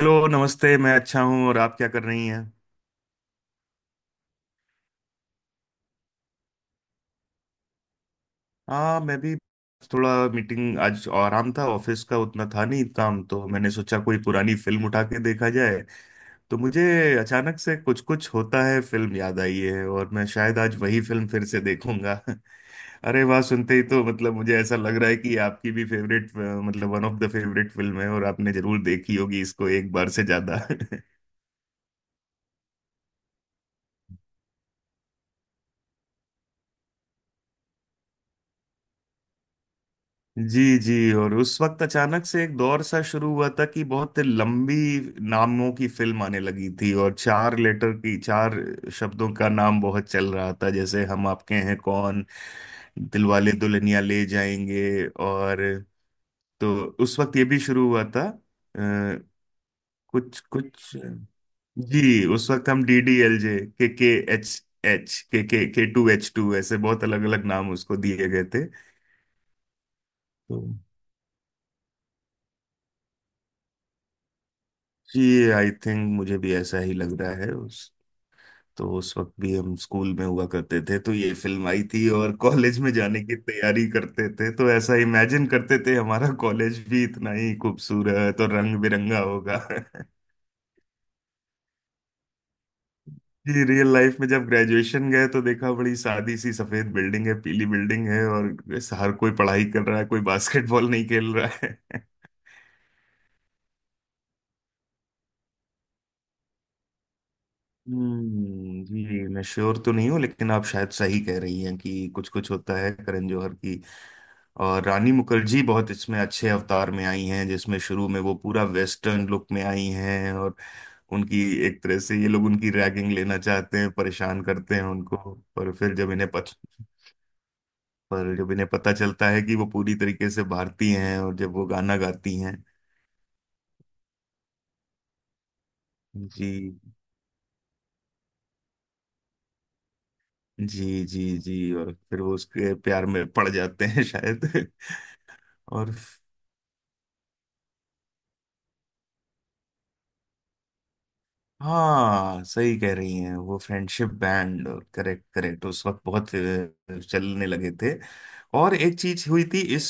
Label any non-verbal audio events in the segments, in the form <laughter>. Hello नमस्ते। मैं अच्छा हूँ और आप क्या कर रही हैं? हाँ, मैं भी। थोड़ा मीटिंग, आज आराम था, ऑफिस का उतना था नहीं काम, तो मैंने सोचा कोई पुरानी फिल्म उठा के देखा जाए। तो मुझे अचानक से कुछ कुछ होता है फिल्म याद आई है और मैं शायद आज वही फिल्म फिर से देखूंगा। <laughs> अरे वाह! सुनते ही तो मतलब मुझे ऐसा लग रहा है कि आपकी भी फेवरेट, मतलब one of the favourite film है, और आपने जरूर देखी होगी इसको एक बार से ज्यादा। <laughs> जी जी। और उस वक्त अचानक से एक दौर सा शुरू हुआ था कि बहुत लंबी नामों की फिल्म आने लगी थी और चार लेटर की, चार शब्दों का नाम बहुत चल रहा था, जैसे हम आपके हैं कौन, दिलवाले दुल्हनिया ले जाएंगे। और तो उस वक्त ये भी शुरू हुआ था, आ, कुछ कुछ। जी, उस वक्त हम DDLJ, के एच, एच के टू एच टू, ऐसे बहुत अलग अलग नाम उसको दिए गए थे। तो जी, आई थिंक मुझे भी ऐसा ही लग रहा है। उस तो उस वक्त भी हम स्कूल में हुआ करते थे, तो ये फिल्म आई थी और कॉलेज में जाने की तैयारी करते थे, तो ऐसा इमेजिन करते थे हमारा कॉलेज भी इतना ही खूबसूरत और रंग बिरंगा होगा। <laughs> जी, रियल लाइफ में जब ग्रेजुएशन गए तो देखा बड़ी सादी सी सफेद बिल्डिंग है, पीली बिल्डिंग है, और हर कोई पढ़ाई कर रहा है, कोई बास्केटबॉल नहीं खेल रहा है। <laughs> हम्म, जी मैं श्योर तो नहीं हूँ लेकिन आप शायद सही कह रही हैं कि कुछ कुछ होता है करण जौहर की। और रानी मुखर्जी बहुत इसमें अच्छे अवतार में आई हैं, जिसमें शुरू में वो पूरा वेस्टर्न लुक में आई हैं, और उनकी एक तरह से ये लोग उनकी रैगिंग लेना चाहते हैं, परेशान करते हैं उनको। पर फिर जब इन्हें पत, पर जब इन्हें पता चलता है कि वो पूरी तरीके से भारतीय हैं, और जब वो गाना गाती हैं। जी जी जी जी। और फिर वो उसके प्यार में पड़ जाते हैं शायद। <laughs> और हाँ, सही कह रही हैं, वो फ्रेंडशिप बैंड। करेक्ट करेक्ट, उस वक्त बहुत चलने लगे थे। और एक चीज हुई थी इस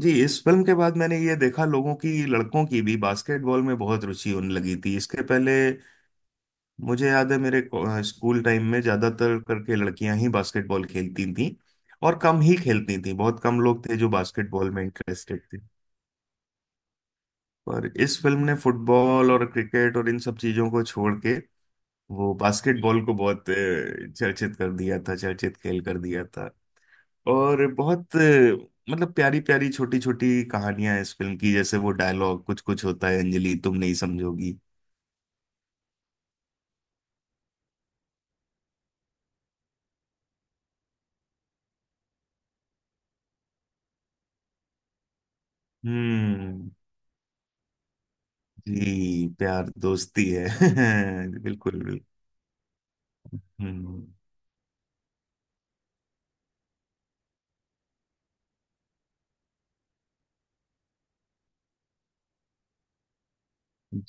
जी, इस फिल्म के बाद मैंने ये देखा लोगों की, लड़कों की भी बास्केटबॉल में बहुत रुचि होने लगी थी। इसके पहले मुझे याद है, स्कूल टाइम में ज्यादातर करके लड़कियां ही बास्केटबॉल खेलती थी, और कम ही खेलती थी, बहुत कम लोग थे जो बास्केटबॉल में इंटरेस्टेड थे। पर इस फिल्म ने फुटबॉल और क्रिकेट और इन सब चीजों को छोड़ के, वो बास्केटबॉल को बहुत चर्चित कर दिया था, चर्चित खेल कर दिया था। और बहुत मतलब प्यारी प्यारी छोटी छोटी कहानियां इस फिल्म की, जैसे वो डायलॉग, कुछ कुछ होता है अंजलि, तुम नहीं समझोगी। हम्म। जी, प्यार दोस्ती है। <laughs> बिल्कुल बिल्कुल। हम्म।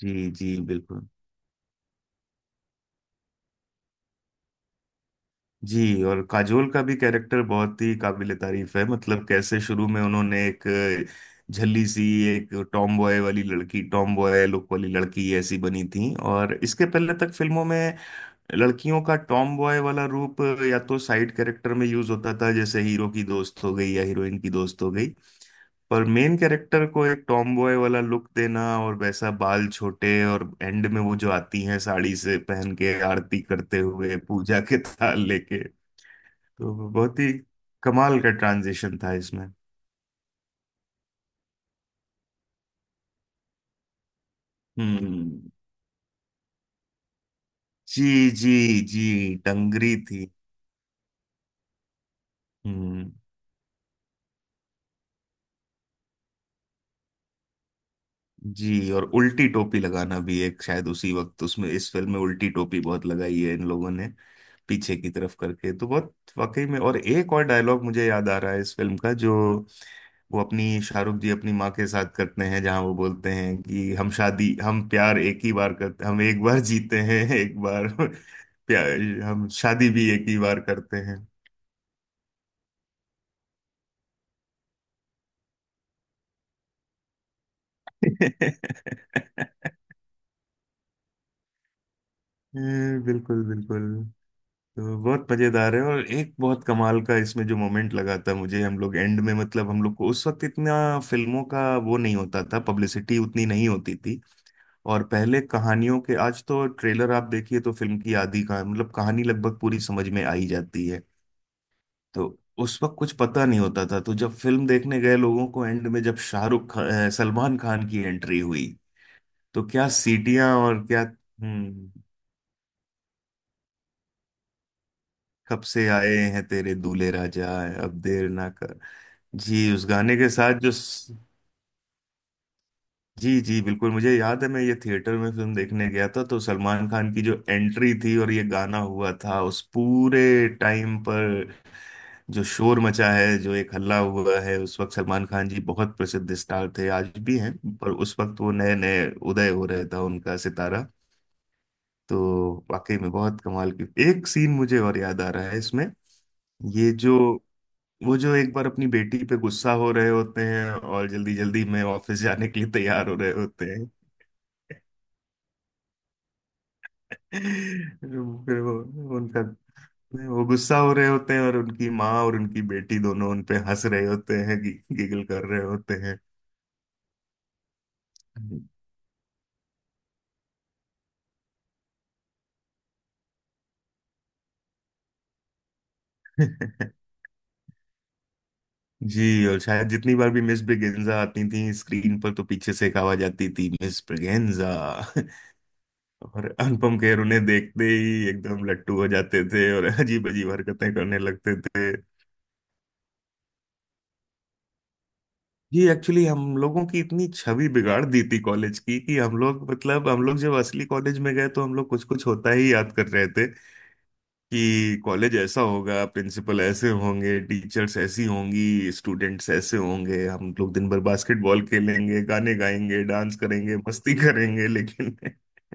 जी जी बिल्कुल। जी, और काजोल का भी कैरेक्टर बहुत ही काबिले तारीफ है, मतलब कैसे शुरू में उन्होंने एक झल्ली सी, एक टॉम बॉय वाली लड़की, टॉम बॉय लुक वाली लड़की ऐसी बनी थी। और इसके पहले तक फिल्मों में लड़कियों का टॉम बॉय वाला रूप या तो साइड कैरेक्टर में यूज होता था, जैसे हीरो की दोस्त हो गई या हीरोइन की दोस्त हो गई। पर मेन कैरेक्टर को एक टॉम बॉय वाला लुक देना, और वैसा बाल छोटे, और एंड में वो जो आती हैं साड़ी से पहन के, आरती करते हुए पूजा के <laughs> थाल लेके, तो बहुत ही कमाल का ट्रांजिशन था इसमें। हम्म। जी जी। जी, डंगरी थी। हम्म। जी, और उल्टी टोपी लगाना भी एक शायद उसी वक्त, उसमें इस फिल्म में उल्टी टोपी बहुत लगाई है इन लोगों ने पीछे की तरफ करके, तो बहुत वाकई में। और एक और डायलॉग मुझे याद आ रहा है इस फिल्म का, जो वो अपनी, शाहरुख जी अपनी माँ के साथ करते हैं, जहाँ वो बोलते हैं कि हम शादी, हम प्यार एक ही बार करते, हम एक बार जीते हैं <laughs> एक बार प्यार, हम शादी भी एक ही बार करते हैं। <laughs> बिल्कुल बिल्कुल। तो बहुत मजेदार है। और एक बहुत कमाल का इसमें जो मोमेंट लगा था मुझे, हम लोग एंड में, मतलब हम लोग को उस वक्त इतना फिल्मों का वो नहीं होता था, पब्लिसिटी उतनी नहीं होती थी। और पहले कहानियों के, आज तो ट्रेलर आप देखिए तो फिल्म की आधी का मतलब कहानी लगभग पूरी समझ में आ ही जाती है। तो उस वक्त कुछ पता नहीं होता था, तो जब फिल्म देखने गए लोगों को एंड में जब सलमान खान की एंट्री हुई, तो क्या सीटियां और क्या! हम्म। कब से आए हैं तेरे दूल्हे राजा, अब देर ना कर। जी, उस गाने के साथ जो, जी जी बिल्कुल, मुझे याद है, मैं ये थिएटर में फिल्म देखने गया था, तो सलमान खान की जो एंट्री थी और ये गाना हुआ था उस पूरे टाइम पर, जो शोर मचा है, जो एक हल्ला हुआ है, उस वक्त सलमान खान जी बहुत प्रसिद्ध स्टार थे, आज भी हैं, पर उस वक्त वो नए नए उदय हो रहा था उनका सितारा। तो वाकई में बहुत कमाल की एक सीन मुझे और याद आ रहा है इसमें, ये जो वो जो एक बार अपनी बेटी पे गुस्सा हो रहे होते हैं और जल्दी जल्दी में ऑफिस जाने के लिए तैयार हो रहे होते हैं, फिर वो उनका नहीं, वो गुस्सा हो रहे होते हैं और उनकी माँ और उनकी बेटी दोनों उन पे हंस रहे होते हैं, गिगल कर रहे होते हैं। <laughs> जी, और शायद जितनी बार भी मिस ब्रिगेंजा आती थी स्क्रीन पर, तो पीछे से एक आवाज आती थी, मिस ब्रिगेंजा। <laughs> और अनुपम खेर उन्हें देखते ही एकदम लट्टू हो जाते थे और अजीब अजीब हरकतें करने लगते थे। जी, एक्चुअली हम लोगों की इतनी छवि बिगाड़ दी थी कॉलेज की, कि हम लोग, मतलब हम लोग जब असली कॉलेज में गए तो हम लोग कुछ कुछ होता ही याद कर रहे थे, कि कॉलेज ऐसा होगा, प्रिंसिपल ऐसे होंगे, टीचर्स ऐसी होंगी, स्टूडेंट्स ऐसे होंगे, हम लोग दिन भर बास्केटबॉल खेलेंगे, गाने गाएंगे, डांस करेंगे, मस्ती करेंगे, लेकिन।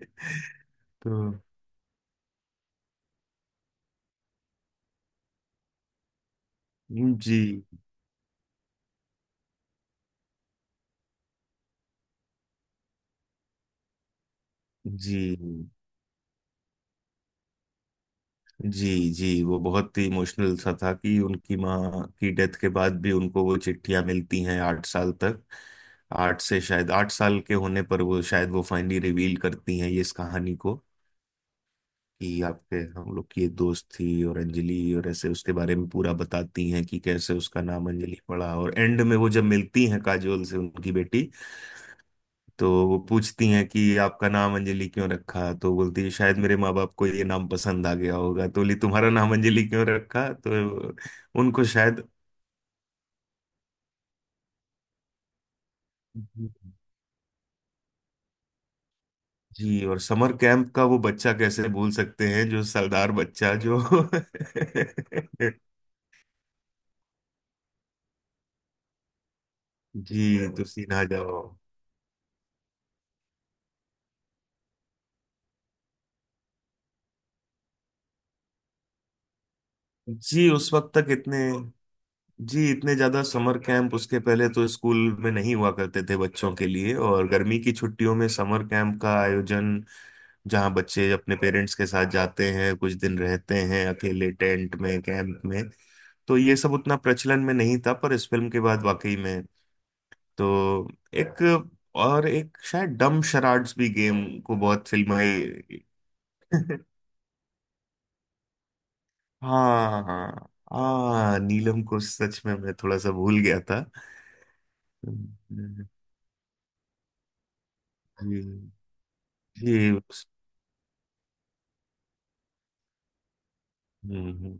<laughs> तो जी जी जी। जी, वो बहुत ही इमोशनल सा था कि उनकी माँ की डेथ के बाद भी उनको वो चिट्ठियां मिलती हैं 8 साल तक। आठ से शायद 8 साल के होने पर वो शायद वो फाइनली रिवील करती हैं ये, इस कहानी को, कि आपके, हम लोग की एक दोस्त थी और अंजलि, और ऐसे उसके बारे में पूरा बताती हैं कि कैसे उसका नाम अंजलि पड़ा। और एंड में वो जब मिलती हैं काजोल से, उनकी बेटी, तो वो पूछती हैं कि आपका नाम अंजलि क्यों रखा, तो बोलती है शायद मेरे माँ बाप को ये नाम पसंद आ गया होगा, तो बोली तुम्हारा नाम अंजलि क्यों रखा, तो उनको शायद। जी, और समर कैंप का वो बच्चा कैसे भूल सकते हैं, जो सरदार बच्चा जो। <laughs> जी, तो सीधा जाओ। जी, उस वक्त तक इतने, जी, इतने ज्यादा समर कैंप उसके पहले तो स्कूल में नहीं हुआ करते थे बच्चों के लिए, और गर्मी की छुट्टियों में समर कैंप का आयोजन, जहां बच्चे अपने पेरेंट्स के साथ जाते हैं, कुछ दिन रहते हैं अकेले टेंट में, कैंप में, तो ये सब उतना प्रचलन में नहीं था, पर इस फिल्म के बाद वाकई में। तो एक, और एक शायद डम शराड्स भी गेम को बहुत फिल्माई। <laughs> हाँ हाँ हाँ, नीलम को सच में मैं थोड़ा सा भूल गया था। जी जी। हम्म,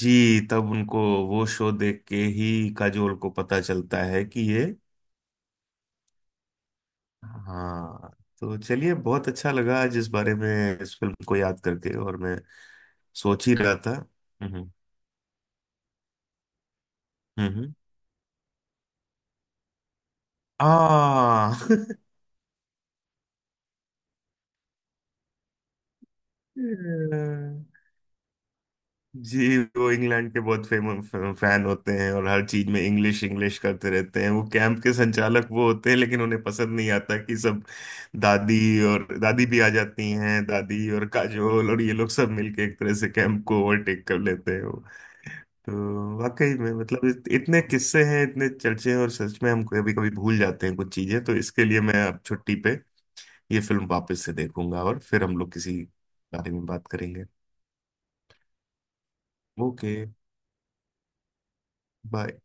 जी, तब उनको वो शो देख के ही काजोल को पता चलता है कि ये, हाँ। तो चलिए, बहुत अच्छा लगा आज इस बारे में, इस फिल्म को याद करके, और मैं सोच ही रहा था। हम्म हम्म हम्म। आ <laughs> अ, जी, वो इंग्लैंड के बहुत फेमस फैन होते हैं और हर चीज में इंग्लिश इंग्लिश करते रहते हैं, वो कैंप के संचालक वो होते हैं, लेकिन उन्हें पसंद नहीं आता कि सब। दादी, और दादी भी आ जाती हैं, दादी और काजोल और ये लोग सब मिलके एक तरह से कैंप को ओवरटेक कर लेते हैं वो। तो वाकई में मतलब इतने किस्से हैं, इतने चर्चे हैं, और सच में हम कभी कभी भूल जाते हैं कुछ चीजें, तो इसके लिए मैं अब छुट्टी पे ये फिल्म वापस से देखूंगा, और फिर हम लोग किसी बारे में बात करेंगे। ओके। बाय।